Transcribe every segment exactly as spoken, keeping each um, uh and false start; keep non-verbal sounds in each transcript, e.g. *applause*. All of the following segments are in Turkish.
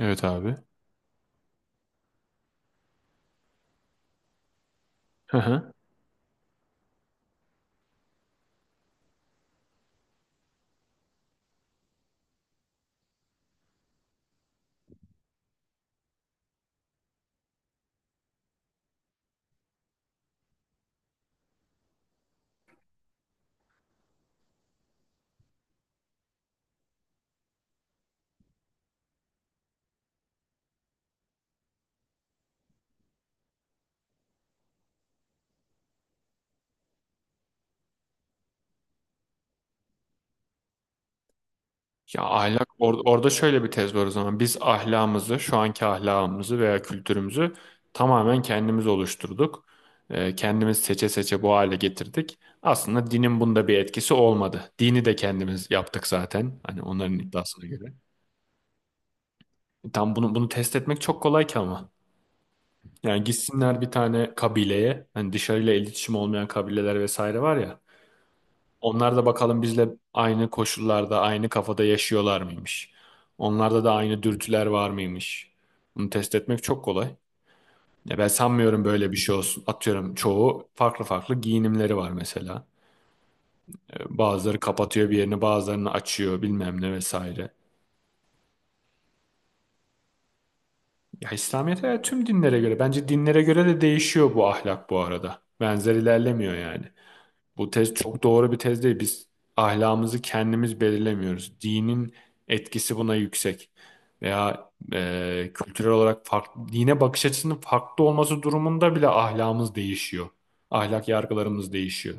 Evet abi. Hı hı. Ya ahlak or- orada şöyle bir tez var o zaman. Biz ahlakımızı, şu anki ahlakımızı veya kültürümüzü tamamen kendimiz oluşturduk. Ee, kendimiz seçe seçe bu hale getirdik. Aslında dinin bunda bir etkisi olmadı. Dini de kendimiz yaptık zaten. Hani onların iddiasına göre. E, Tam bunu bunu test etmek çok kolay ki ama. Yani gitsinler bir tane kabileye, hani dışarıyla iletişim olmayan kabileler vesaire var ya. Onlar da bakalım bizle aynı koşullarda, aynı kafada yaşıyorlar mıymış? Onlarda da aynı dürtüler var mıymış? Bunu test etmek çok kolay. Ya ben sanmıyorum böyle bir şey olsun. Atıyorum çoğu farklı farklı giyinimleri var mesela. Ee, Bazıları kapatıyor bir yerini, bazılarını açıyor bilmem ne vesaire. Ya İslamiyet'e tüm dinlere göre, bence dinlere göre de değişiyor bu ahlak bu arada. Benzer ilerlemiyor yani. Bu tez çok doğru bir tez değil. Biz ahlakımızı kendimiz belirlemiyoruz. Dinin etkisi buna yüksek. Veya e, kültürel olarak farklı, dine bakış açısının farklı olması durumunda bile ahlakımız değişiyor. Ahlak yargılarımız değişiyor.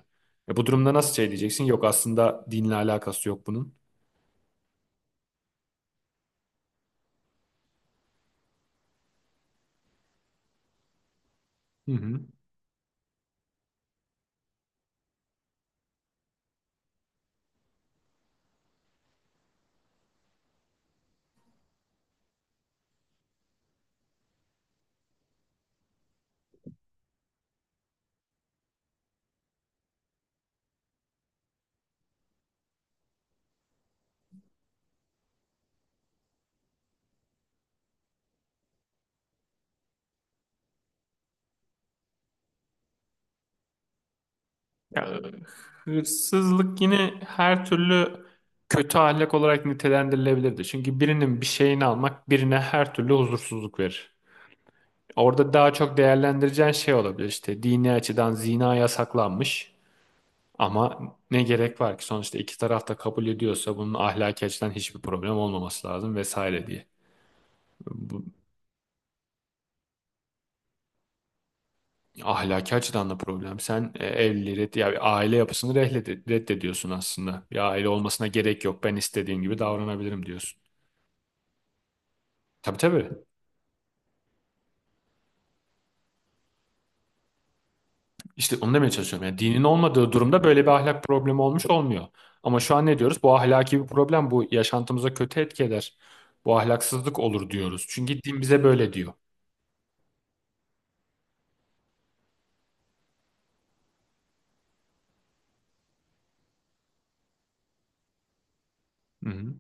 E, bu durumda nasıl şey diyeceksin? Yok aslında dinle alakası yok bunun. Hı hı. Ya, hırsızlık yine her türlü kötü ahlak olarak nitelendirilebilirdi. Çünkü birinin bir şeyini almak birine her türlü huzursuzluk verir. Orada daha çok değerlendireceğin şey olabilir işte dini açıdan zina yasaklanmış ama ne gerek var ki sonuçta iki taraf da kabul ediyorsa bunun ahlaki açıdan hiçbir problem olmaması lazım vesaire diye. Bu ahlaki açıdan da problem. Sen e, evliliği red- ya bir aile yapısını rehled- reddediyorsun aslında. Bir aile olmasına gerek yok. Ben istediğim gibi davranabilirim diyorsun. Tabii tabii. İşte onu demeye çalışıyorum. Yani dinin olmadığı durumda böyle bir ahlak problemi olmuş olmuyor. Ama şu an ne diyoruz? Bu ahlaki bir problem. Bu yaşantımıza kötü etki eder. Bu ahlaksızlık olur diyoruz. Çünkü din bize böyle diyor. Hı hı.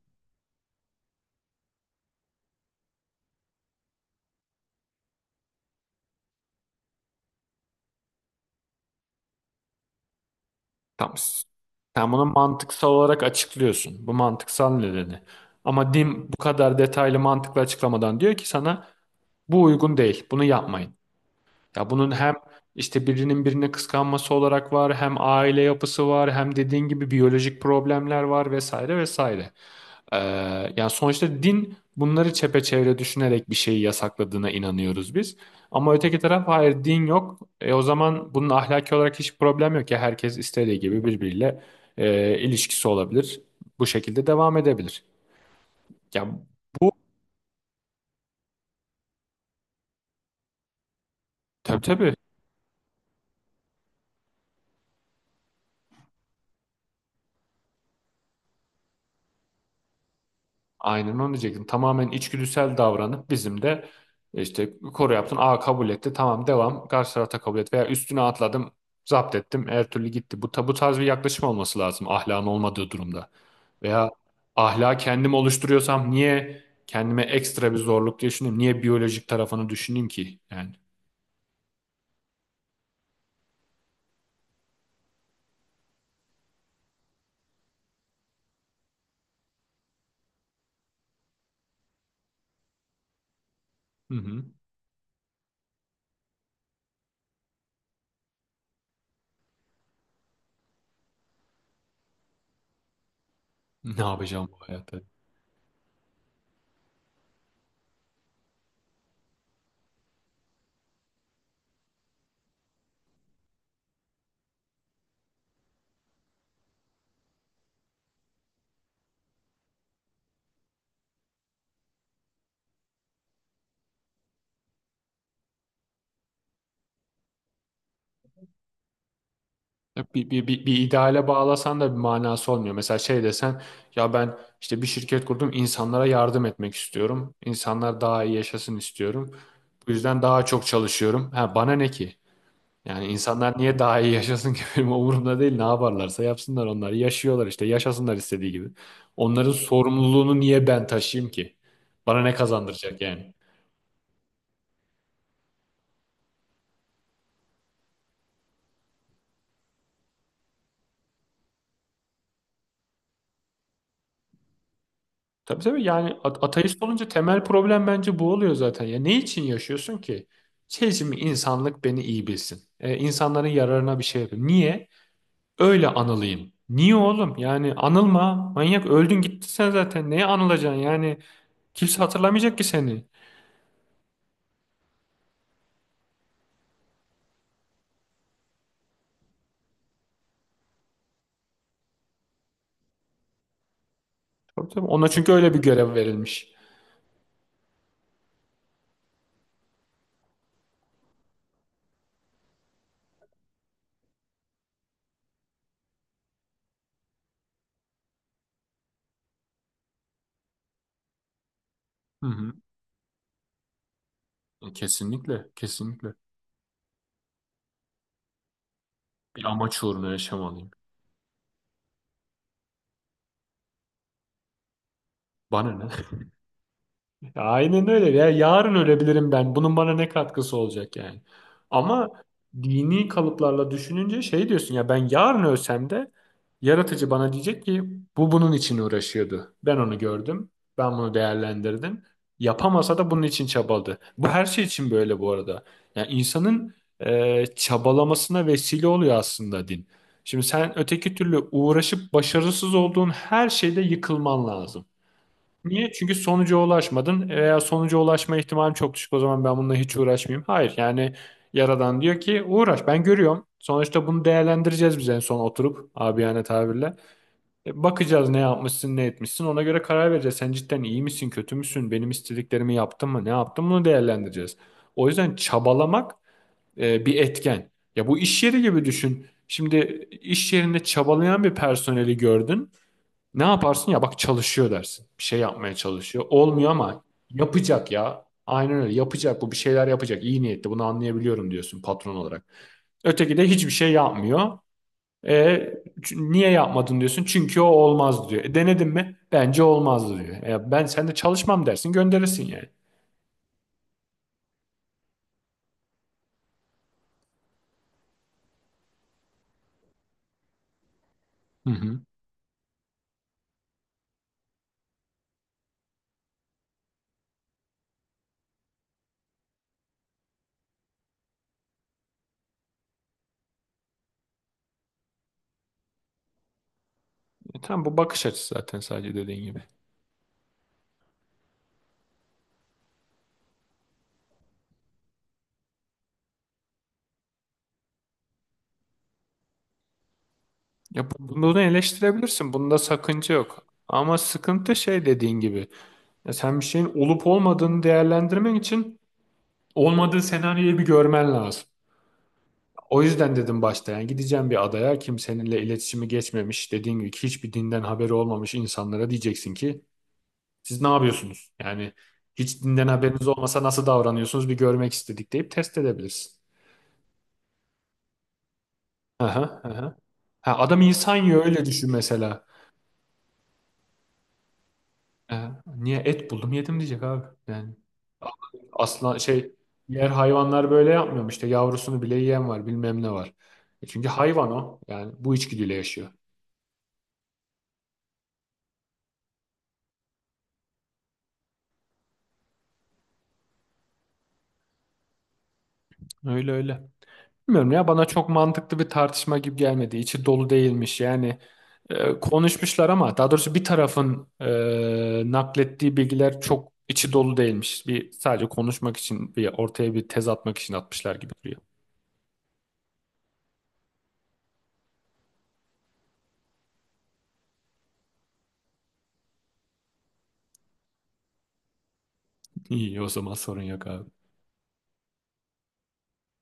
Tamam. Sen bunu mantıksal olarak açıklıyorsun. Bu mantıksal nedeni. Ama din bu kadar detaylı mantıklı açıklamadan diyor ki sana bu uygun değil. Bunu yapmayın. Ya bunun hem işte birinin birine kıskanması olarak var, hem aile yapısı var, hem dediğin gibi biyolojik problemler var vesaire vesaire. Ee, yani sonuçta din bunları çepeçevre düşünerek bir şeyi yasakladığına inanıyoruz biz. Ama öteki taraf hayır din yok. E, o zaman bunun ahlaki olarak hiç problem yok ya herkes istediği gibi birbiriyle e, ilişkisi olabilir. Bu şekilde devam edebilir. Ya bu tabii tabii aynen onu diyecektim. Tamamen içgüdüsel davranıp bizim de işte koru yaptın. Aa kabul etti tamam devam. Karşı tarafta kabul et veya üstüne atladım zapt ettim her türlü gitti. Bu, ta- bu tarz bir yaklaşım olması lazım ahlakın olmadığı durumda. Veya ahlak kendim oluşturuyorsam niye kendime ekstra bir zorluk diye düşüneyim? Niye biyolojik tarafını düşüneyim ki? Yani hı hı. Ne yapacağım bu hayatta? Ya Bir, bir, bir, bir ideale bağlasan da bir manası olmuyor. Mesela şey desen ya ben işte bir şirket kurdum insanlara yardım etmek istiyorum. İnsanlar daha iyi yaşasın istiyorum. Bu yüzden daha çok çalışıyorum. Ha, bana ne ki? Yani insanlar niye daha iyi yaşasın ki *laughs* benim umurumda değil. Ne yaparlarsa yapsınlar onlar. Yaşıyorlar işte. Yaşasınlar istediği gibi. Onların sorumluluğunu niye ben taşıyayım ki? Bana ne kazandıracak yani? Tabii tabii yani at- ateist olunca temel problem bence bu oluyor zaten. Ya ne için yaşıyorsun ki? Şey için mi insanlık beni iyi bilsin. E, insanların yararına bir şey yapayım. Niye? Öyle anılayım. Niye oğlum? Yani anılma. Manyak öldün gittin sen zaten. Neye anılacaksın? Yani kimse hatırlamayacak ki seni. Tabii tabii. Ona çünkü öyle bir görev verilmiş. Hı hı. E, kesinlikle, kesinlikle. Bir amaç uğruna yaşamalıyım. Bana ne? Aynen öyle. Ya yarın ölebilirim ben. Bunun bana ne katkısı olacak yani? Ama dini kalıplarla düşününce şey diyorsun ya ben yarın ölsem de yaratıcı bana diyecek ki bu bunun için uğraşıyordu. Ben onu gördüm. Ben bunu değerlendirdim. Yapamasa da bunun için çabaladı. Bu her şey için böyle bu arada. Yani insanın e, çabalamasına vesile oluyor aslında din. Şimdi sen öteki türlü uğraşıp başarısız olduğun her şeyde yıkılman lazım. Niye? Çünkü sonuca ulaşmadın. Veya sonuca ulaşma ihtimalim çok düşük. O zaman ben bununla hiç uğraşmayayım. Hayır yani Yaradan diyor ki uğraş ben görüyorum. Sonuçta bunu değerlendireceğiz biz en son oturup abiyane tabirle. E, bakacağız ne yapmışsın ne etmişsin ona göre karar vereceğiz. Sen cidden iyi misin kötü müsün benim istediklerimi yaptın mı ne yaptın bunu değerlendireceğiz. O yüzden çabalamak e, bir etken. Ya bu iş yeri gibi düşün. Şimdi iş yerinde çabalayan bir personeli gördün. Ne yaparsın ya bak çalışıyor dersin. Bir şey yapmaya çalışıyor. Olmuyor ama yapacak ya. Aynen öyle yapacak bu bir şeyler yapacak. İyi niyetli bunu anlayabiliyorum diyorsun patron olarak. Öteki de hiçbir şey yapmıyor. E, ç- niye yapmadın diyorsun? Çünkü o olmaz diyor. E, denedin mi? Bence olmazdı diyor. E, ben sen de çalışmam dersin gönderirsin yani. Hı hı. E, tamam bu bakış açısı zaten sadece dediğin gibi. Ya bu- Bunu eleştirebilirsin. Bunda sakınca yok. Ama sıkıntı şey dediğin gibi. Ya sen bir şeyin olup olmadığını değerlendirmen için olmadığı senaryoyu bir görmen lazım. O yüzden dedim başta yani gideceğim bir adaya kimseninle iletişimi geçmemiş dediğin gibi hiçbir dinden haberi olmamış insanlara diyeceksin ki siz ne yapıyorsunuz? Yani hiç dinden haberiniz olmasa nasıl davranıyorsunuz bir görmek istedik deyip test edebilirsin. Aha, aha. Ha, adam insan yiyor öyle düşün mesela. Ha, niye et buldum yedim diyecek abi. Yani aslan şey diğer hayvanlar böyle yapmıyor mu? İşte yavrusunu bile yiyen var bilmem ne var. E çünkü hayvan o yani bu içgüdüyle yaşıyor. Öyle öyle. Bilmiyorum ya bana çok mantıklı bir tartışma gibi gelmedi. İçi dolu değilmiş. Yani e, konuşmuşlar ama daha doğrusu bir tarafın e, naklettiği bilgiler çok içi dolu değilmiş. Bir sadece konuşmak için bir ortaya bir tez atmak için atmışlar gibi duruyor. İyi o zaman sorun yok abi.